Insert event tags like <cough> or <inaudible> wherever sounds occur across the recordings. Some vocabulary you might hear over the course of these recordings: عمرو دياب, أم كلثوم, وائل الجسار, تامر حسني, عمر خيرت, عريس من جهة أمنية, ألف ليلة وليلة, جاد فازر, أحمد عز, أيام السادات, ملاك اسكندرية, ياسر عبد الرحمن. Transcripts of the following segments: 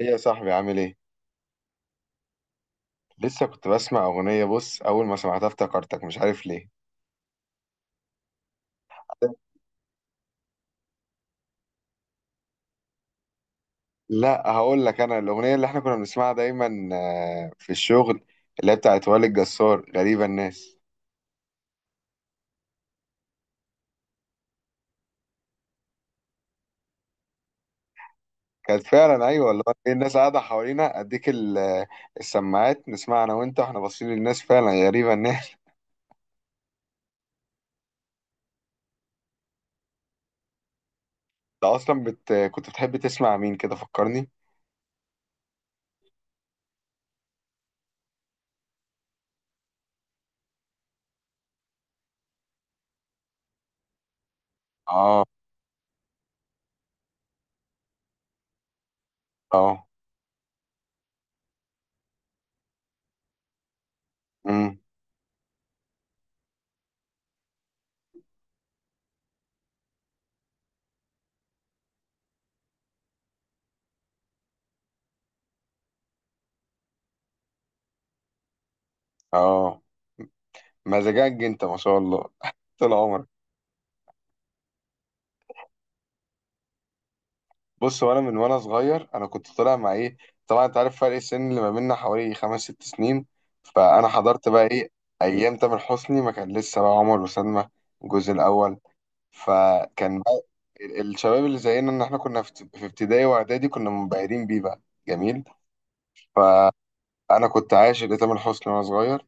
ايه يا صاحبي عامل ايه؟ لسه كنت بسمع اغنية. بص، اول ما سمعتها افتكرتك، مش عارف ليه. لا هقول لك، انا الاغنية اللي احنا كنا بنسمعها دايما في الشغل، اللي هي بتاعت وائل الجسار، غريبة الناس. كانت فعلا، ايوه والله. إيه الناس قاعدة حوالينا، اديك السماعات، نسمع انا وانت، واحنا باصين للناس، فعلا غريبة الناس. <laughs> انت اصلا كنت بتحب تسمع مين؟ كده فكرني. اه. اه. امم اه. مزاجك انت ما شاء الله، <laughs> طول عمرك. بص، وانا من وانا صغير، انا كنت طالع مع ايه؟ طبعا انت عارف فرق السن اللي ما بيننا حوالي خمس ست سنين، فانا حضرت بقى ايه، ايام تامر حسني ما كان لسه، بقى عمر وسلمى الجزء الاول. فكان بقى الشباب اللي زينا، ان احنا كنا في ابتدائي واعدادي كنا منبهرين بيه بقى. جميل. فانا كنت عاشق لتامر حسني وانا صغير.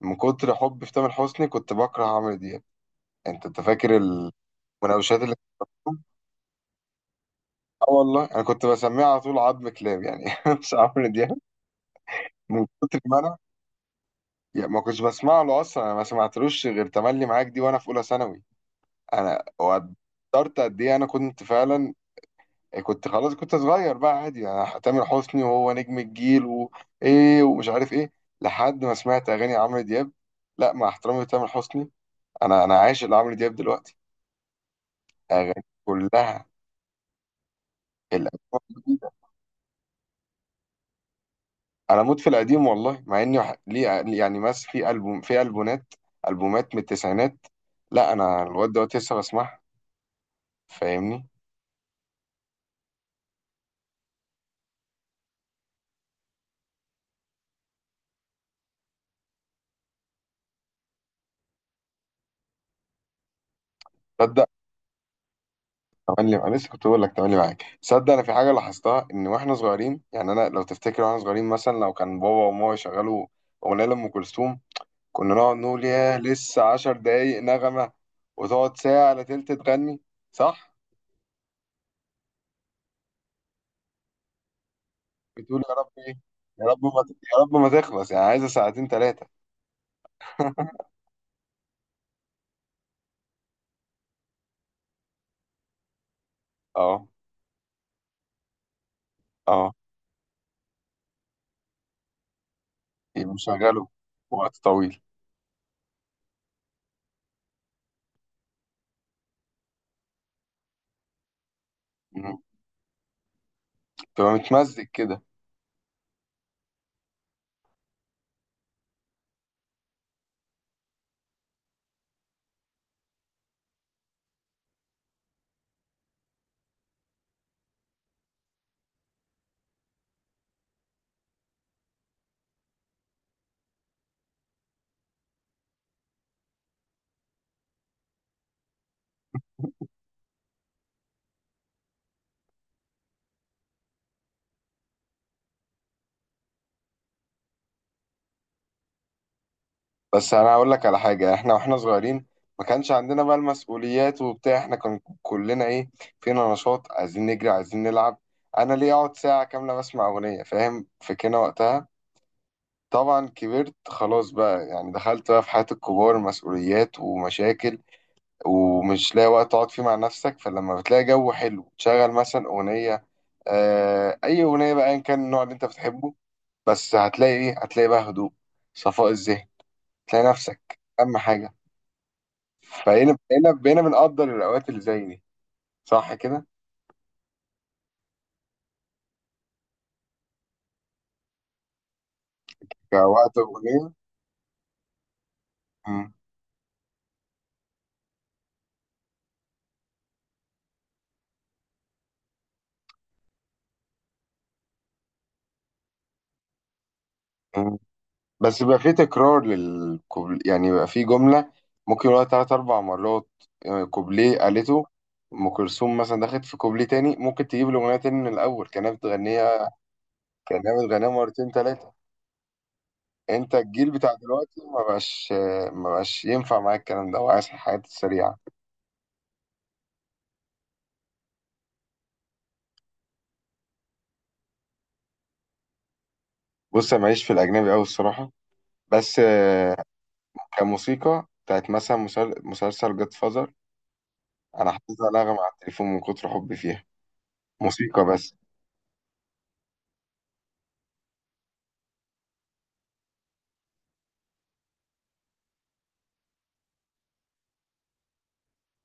من كتر حبي في تامر حسني كنت بكره عمرو دياب. انت فاكر المناوشات اللي، اه والله انا كنت بسميها على طول عظم كلاب، يعني <laughs> مش عمرو دياب، من كتر ما انا، يعني ما كنتش بسمع له اصلا. انا ما سمعتلوش غير تملي معاك دي وانا في اولى ثانوي. انا وقدرت قد ايه، انا كنت فعلا، كنت خلاص، كنت صغير بقى، عادي يعني تامر حسني وهو نجم الجيل وايه ومش عارف ايه. لحد ما سمعت اغاني عمرو دياب، لا، مع احترامي لتامر حسني، انا عاشق لعمرو دياب دلوقتي. اغاني كلها الألبوم الجديدة. انا موت في القديم والله، مع اني ليه يعني، في البومات، البومات من التسعينات. لا انا الواد دوت لسه بسمعها، فاهمني. صدق، تملي، انا لسه كنت بقول لك تملي معاك. صدق انا في حاجه لاحظتها، ان واحنا صغيرين، يعني انا لو تفتكر واحنا صغيرين، مثلا لو كان بابا وماما يشغلوا اغنيه لام كلثوم، كنا نقعد نقول ياه، لسه عشر دقايق نغمه، وتقعد ساعه الا تلت تغني. صح، بتقول يا رب ايه، يا رب ما، يا رب ما تخلص، يعني عايزه ساعتين ثلاثه. <laughs> اه. اه. يبقوا مشغله وقت طويل. مم. تبقى متمزق كده. بس انا اقول لك على حاجه، احنا واحنا صغيرين ما كانش عندنا بقى المسؤوليات وبتاع، احنا كان كلنا ايه، فينا نشاط، عايزين نجري، عايزين نلعب. انا ليه اقعد ساعه كامله بسمع اغنيه؟ فاهم، فكنا وقتها، طبعا كبرت خلاص بقى، يعني دخلت بقى في حياه الكبار، مسؤوليات ومشاكل، ومش لاقي وقت تقعد فيه مع نفسك. فلما بتلاقي جو حلو تشغل مثلا اغنيه، آه اي اغنيه بقى، ان كان النوع اللي انت بتحبه، بس هتلاقي ايه، هتلاقي بقى هدوء، صفاء الذهن، تلاقي نفسك، اهم حاجه. فبقينا بقينا بقينا بنقدر الأوقات اللي زي دي. صح كده؟ كوقت أغنية. مم. مم. بس بيبقى فيه تكرار للكوبل، يعني بيبقى فيه جملة ممكن يقولها تلات أربع مرات، كوبليه قالته. أم كلثوم مثلا دخلت في كوبليه تاني، ممكن تجيب الأغنية تاني من الأول كأنها بتغنيها، كأنها بتغنيها مرتين تلاتة. أنت الجيل بتاع دلوقتي ما بقاش، ما بقاش ينفع معاك الكلام ده، وعايز الحاجات السريعة. بص أنا ماليش في الأجنبي أوي الصراحة، بس كموسيقى بتاعت مثلا مسلسل جاد فازر. انا حافظها نغمة على التليفون من كتر حبي فيها، موسيقى بس.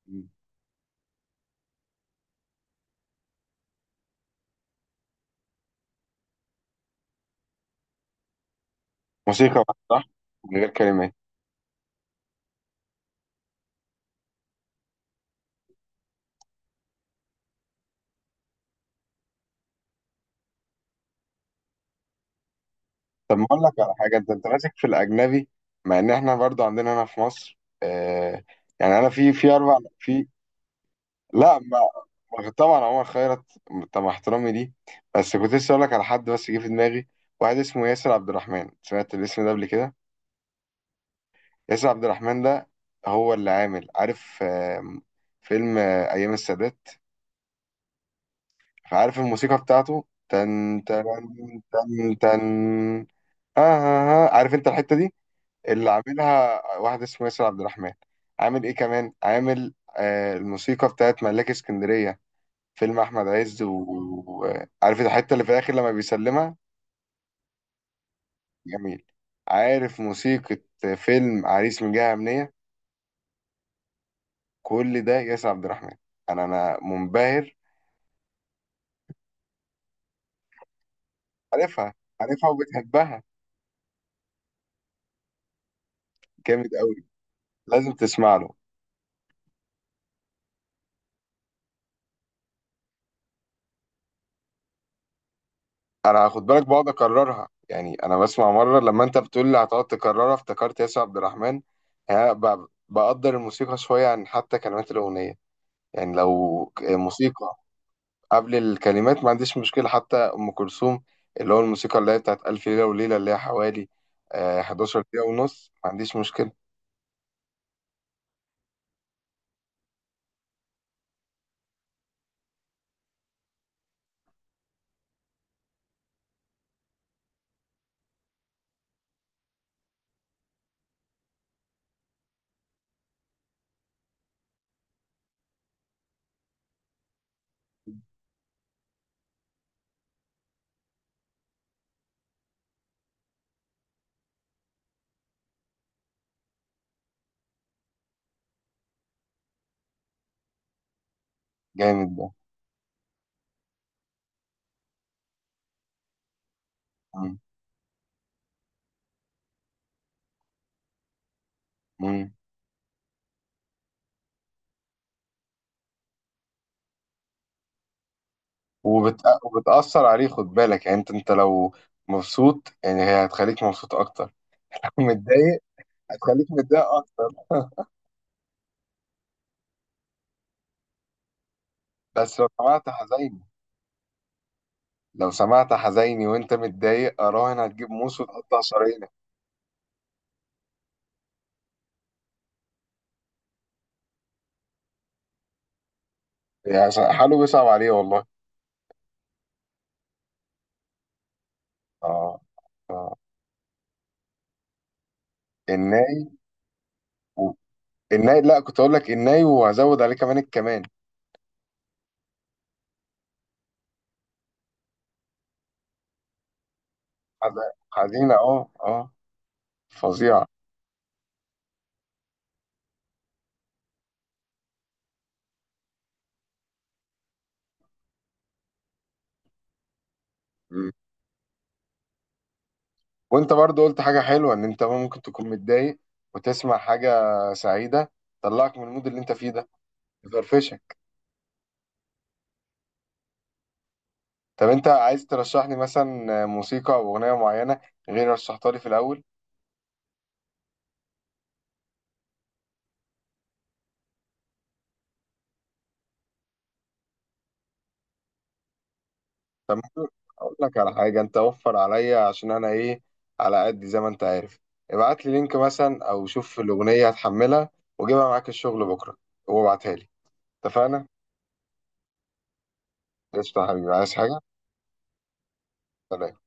مم. موسيقى بس، صح، من غير كلمات. طب ما اقول لك على حاجة، انت ماسك في الاجنبي، مع ان احنا برضو عندنا هنا في مصر آه، يعني انا في اربع في، لا ما، طبعا عمر خيرت. طب مع احترامي ليه، بس كنت لسه اقول لك على حد، بس جه في دماغي، واحد اسمه ياسر عبد الرحمن، سمعت الاسم ده قبل كده؟ ياسر عبد الرحمن ده، هو اللي عامل، عارف فيلم أيام السادات؟ فعارف الموسيقى بتاعته، تن تن، تن تن، آه, آه, آه. عارف أنت الحتة دي، اللي عاملها واحد اسمه ياسر عبد الرحمن. عامل إيه كمان، عامل آه الموسيقى بتاعت ملاك اسكندرية، فيلم أحمد عز، وعارف الحتة اللي في الآخر لما بيسلمها؟ جميل. عارف موسيقى فيلم عريس من جهة أمنية؟ كل ده ياسر عبد الرحمن. انا منبهر. عارفها. عارفها وبتحبها. جامد قوي، لازم تسمع له. انا خد بالك بقعد اكررها، يعني انا بسمع مره، لما انت بتقول لي هتقعد تكررها افتكرت ياسر عبد الرحمن. ها، بقدر الموسيقى شويه عن حتى كلمات الاغنيه، يعني لو موسيقى قبل الكلمات ما عنديش مشكله. حتى ام كلثوم، اللي هو الموسيقى اللي هي بتاعت الف ليله وليله، اللي هي حوالي 11 دقيقه ونص، ما عنديش مشكله. جامد ده. مم. مم. وبتأثر عليه، خد بالك، يعني انت لو مبسوط يعني هي هتخليك مبسوط اكتر، <laughs> لو متضايق هتخليك متضايق اكتر. <laughs> بس لو سمعت حزيني، لو سمعت حزيني وانت متضايق، اراهن هتجيب موس وتقطع شرايينك. يعني حاله بيصعب عليه والله. اه. اه. الناي. و... الناي، لا كنت اقول لك الناي، وهزود عليه كمان الكمان. حزينة، اه اه، فظيعة. وانت برضو قلت حاجة حلوة، ان انت ممكن تكون متضايق وتسمع حاجة سعيدة، تطلعك من المود اللي انت فيه ده، تفرفشك. طب انت عايز ترشح لي مثلا موسيقى او اغنية معينة غير رشحتها لي في الاول؟ اقول لك على حاجة، انت وفر عليا، عشان انا ايه، على قد زي ما انت عارف، ابعت لي لينك مثلا، او شوف الاغنية هتحملها وجيبها معاك الشغل بكرة، وابعتها لي. اتفقنا؟ قشطة يا حبيبي، عايز حاجة؟ سلام.